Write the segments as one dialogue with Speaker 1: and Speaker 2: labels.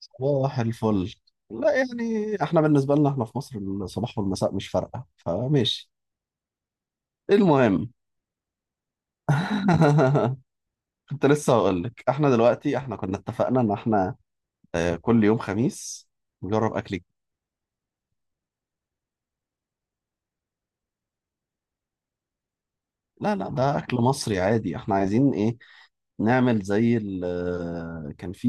Speaker 1: صباح الفل. لا يعني احنا بالنسبة لنا احنا في مصر الصباح والمساء مش فارقة، فماشي. المهم، كنت لسه هقول لك احنا دلوقتي، احنا كنا اتفقنا ان احنا اه، كل يوم خميس نجرب اكل جديد. لا لا، ده اكل مصري عادي، احنا عايزين ايه نعمل زي كان في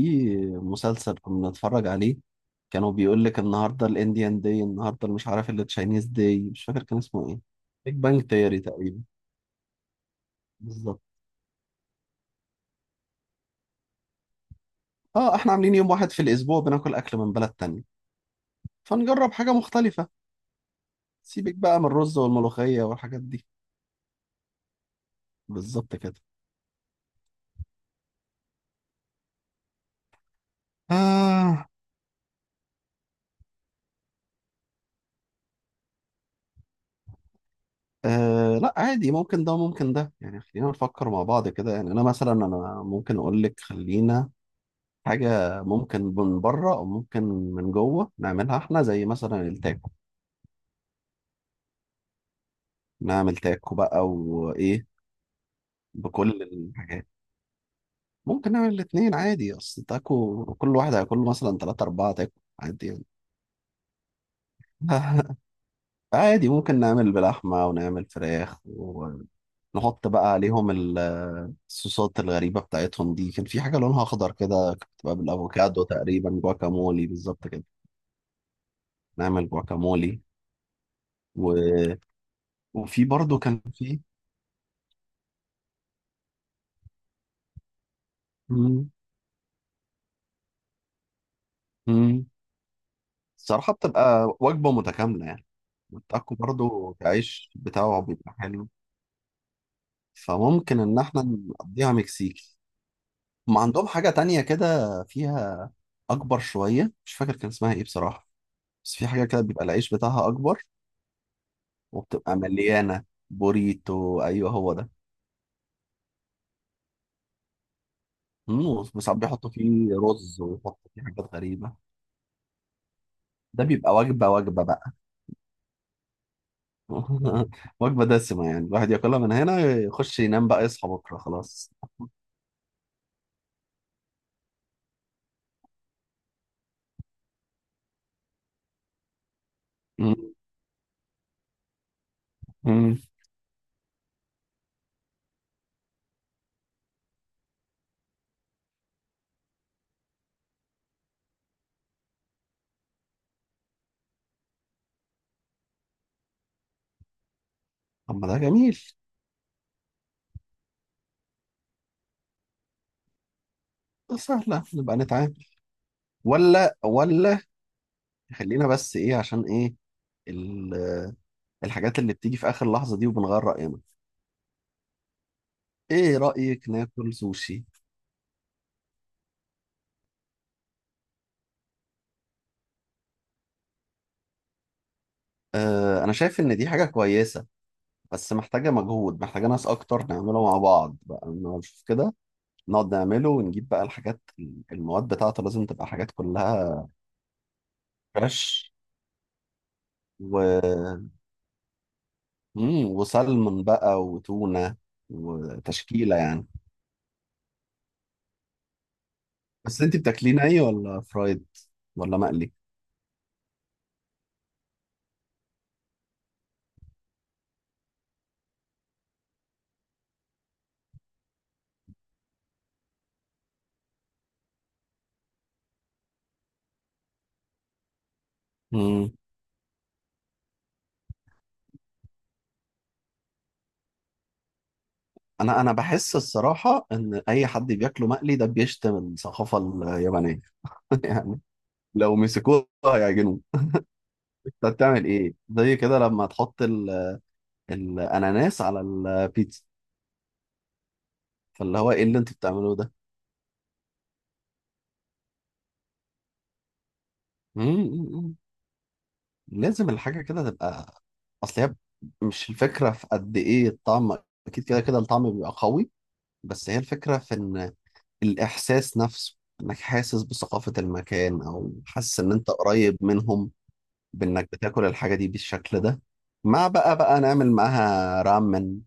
Speaker 1: مسلسل كنا بنتفرج عليه، كانوا بيقول لك النهارده الانديان داي، النهارده اللي مش عارف اللي تشاينيز داي، مش فاكر كان اسمه ايه. بيج بانج تياري تقريبا. بالظبط. اه، احنا عاملين يوم واحد في الاسبوع بناكل اكل من بلد تانية، فنجرب حاجة مختلفة. سيبك بقى من الرز والملوخية والحاجات دي. بالظبط كده. آه. آه لا عادي، ممكن ده وممكن ده، يعني خلينا نفكر مع بعض كده. يعني انا مثلا، ممكن اقول لك خلينا حاجة ممكن من بره او ممكن من جوه نعملها احنا، زي مثلا التاكو. نعمل تاكو بقى، وايه؟ بكل الحاجات. ممكن نعمل الاتنين عادي، اصل تاكو كل واحد هياكل له مثلا تلاتة اربعة تاكو، عادي يعني. عادي، ممكن نعمل بلحمة ونعمل فراخ، ونحط بقى عليهم الصوصات الغريبة بتاعتهم دي. كان في حاجة لونها أخضر كده، كانت بتبقى بالأفوكادو تقريبا. جواكامولي بالظبط كده. نعمل جواكامولي و... وفي برضو كان في. مم. مم. الصراحة بتبقى وجبة متكاملة يعني. والتاكو برضو العيش بتاعه بيبقى حلو، فممكن إن إحنا نقضيها مكسيكي. ما عندهم حاجة تانية كده فيها أكبر شوية، مش فاكر كان اسمها إيه بصراحة، بس في حاجة كده بيبقى العيش بتاعها أكبر وبتبقى مليانة. بوريتو، أيوه هو ده. موز، وساعات بيحطوا فيه رز ويحطوا فيه حاجات غريبة. ده بيبقى وجبة وجبة بقى. وجبة دسمة يعني، الواحد ياكلها من هنا يخش ينام بقى، يصحى بكرة خلاص. مم. مم. طب ما ده جميل. ده سهلة نبقى نتعامل، ولا خلينا بس إيه، عشان إيه ال- الحاجات اللي بتيجي في آخر لحظة دي وبنغير رأينا. إيه رأيك ناكل سوشي؟ آه، أنا شايف إن دي حاجة كويسة، بس محتاجة مجهود، محتاجة ناس أكتر نعمله مع بعض بقى، إنه نشوف كده. نقعد نعمله ونجيب بقى الحاجات، المواد بتاعته لازم تبقى حاجات كلها فريش و... وسلمون بقى وتونة وتشكيلة يعني. بس أنت بتاكليه ني ولا فرايد ولا مقلي؟ مم. أنا بحس الصراحة إن أي حد بياكله مقلي ده بيشتم الثقافة اليابانية. يعني لو مسكوه هيعجنوه. أنت بتعمل إيه؟ زي كده لما تحط الاناناس على البيتزا. فاللي هو ايه اللي انتوا بتعملوه ده. مم، مم، مم. لازم الحاجه كده تبقى، اصل هي مش الفكره في قد ايه الطعم، اكيد كده كده الطعم بيبقى قوي، بس هي الفكره في ان الاحساس نفسه انك حاسس بثقافه المكان، او حاسس ان انت قريب منهم بانك بتاكل الحاجه دي بالشكل ده. مع بقى نعمل معاها رامن.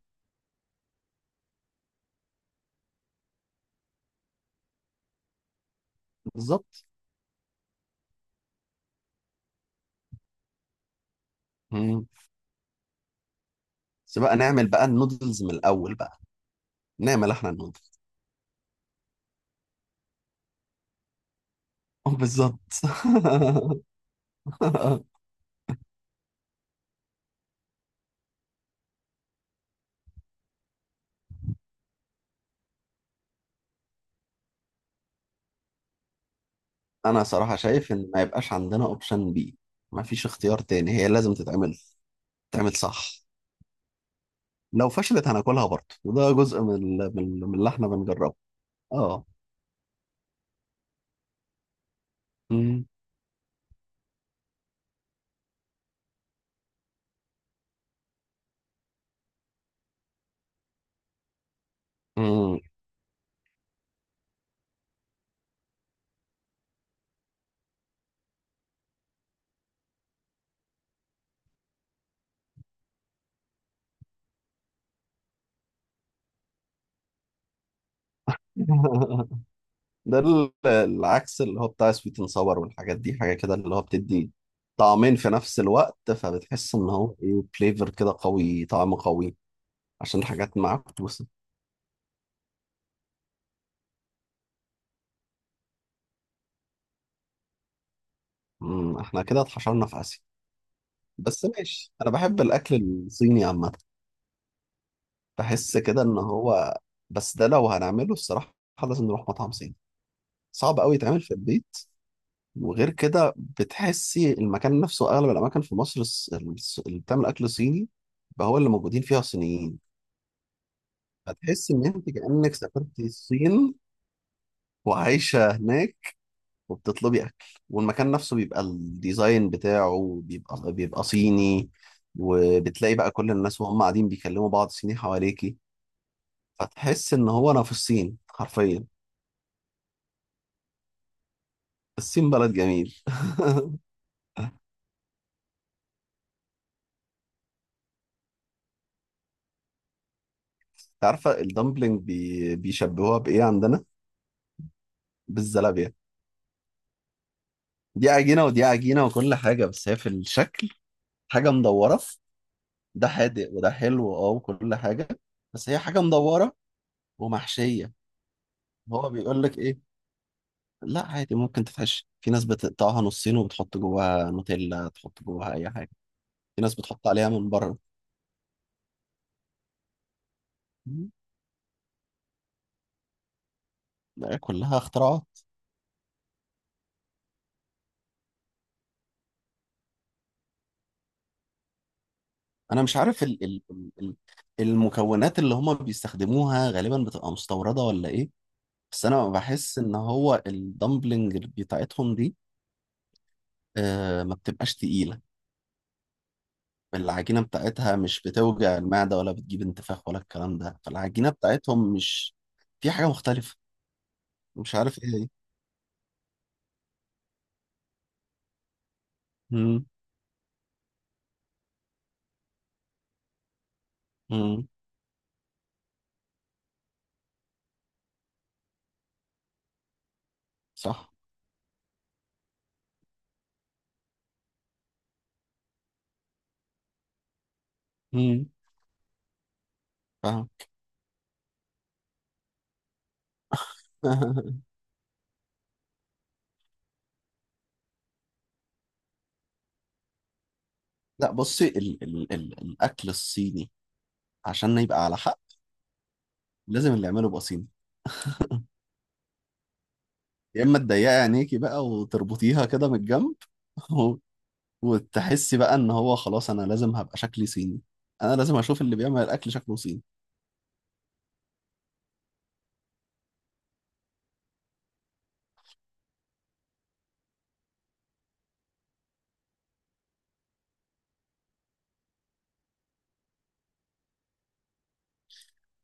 Speaker 1: بالظبط. مم. بس بقى نعمل بقى النودلز من الاول بقى، نعمل احنا النودلز. آه، بالظبط. انا صراحة شايف ان ما يبقاش عندنا اوبشن بي، ما فيش اختيار تاني، هي لازم تتعمل. تتعمل صح. لو فشلت هناكلها برضه، وده جزء من اللي احنا بنجربه. اه. مم. مم. ده العكس اللي هو بتاع سويت اند صور والحاجات دي، حاجة كده اللي هو بتدي طعمين في نفس الوقت، فبتحس ان هو ايه، فليفر كده قوي، طعم قوي عشان الحاجات معكوسة. مم، احنا كده اتحشرنا في اسيا. بس ماشي، انا بحب الاكل الصيني عامة. بحس كده ان هو، بس ده لو هنعمله الصراحه لازم نروح مطعم صيني، صعب قوي يتعمل في البيت. وغير كده بتحسي المكان نفسه، اغلب الاماكن في مصر اللي بتعمل اكل صيني بقى هو اللي موجودين فيها صينيين. هتحسي ان انت كانك سافرتي الصين وعايشه هناك، وبتطلبي اكل، والمكان نفسه بيبقى الديزاين بتاعه بيبقى صيني، وبتلاقي بقى كل الناس وهم قاعدين بيكلموا بعض صيني حواليكي، فتحس ان هو انا في الصين حرفيا. الصين بلد جميل. عارفة الدمبلينج بيشبهوها بإيه عندنا؟ بالزلابية. دي عجينة ودي عجينة وكل حاجة، بس هي في الشكل حاجة مدورة، ده حادق وده حلو، اه وكل حاجة، بس هي حاجة مدورة ومحشية. هو بيقول لك إيه؟ لا عادي ممكن تتحشي، في ناس بتقطعها نصين وبتحط جواها نوتيلا، تحط جواها أي حاجة، في ناس بتحط عليها من بره. م، كلها اختراعات. انا مش عارف المكونات اللي هما بيستخدموها غالبا بتبقى مستوردة ولا ايه، بس انا بحس ان هو الدمبلنج بتاعتهم دي آه ما بتبقاش تقيلة. العجينة بتاعتها مش بتوجع المعدة ولا بتجيب انتفاخ ولا الكلام ده، فالعجينة بتاعتهم مش في حاجة مختلفة، مش عارف ايه هي. مم. مم. صح. مم. فاهم. لا بصي، ال ال ال الأكل الصيني عشان يبقى على حق لازم اللي يعمله يبقى صيني. يا اما تضيقي عينيكي بقى وتربطيها كده من الجنب. وتحسي بقى ان هو خلاص انا لازم هبقى شكلي صيني، انا لازم اشوف اللي بيعمل الاكل شكله صيني.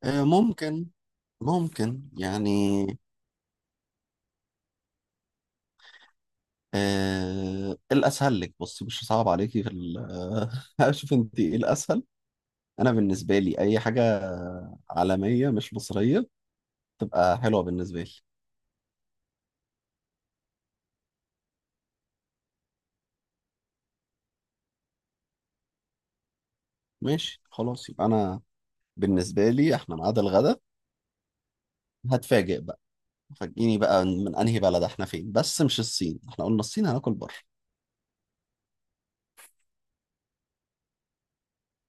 Speaker 1: آه، ممكن، ممكن يعني. آه، إيه الاسهل لك؟ بصي مش صعب عليكي في آه، اشوف انت ايه الاسهل. انا بالنسبه لي اي حاجه عالميه مش مصريه تبقى حلوه بالنسبه لي. ماشي خلاص، يبقى انا بالنسبه لي احنا ميعاد الغدا. هتفاجئ بقى. فاجئيني بقى من انهي بلد احنا، فين، بس مش الصين، احنا قلنا الصين هناكل بره.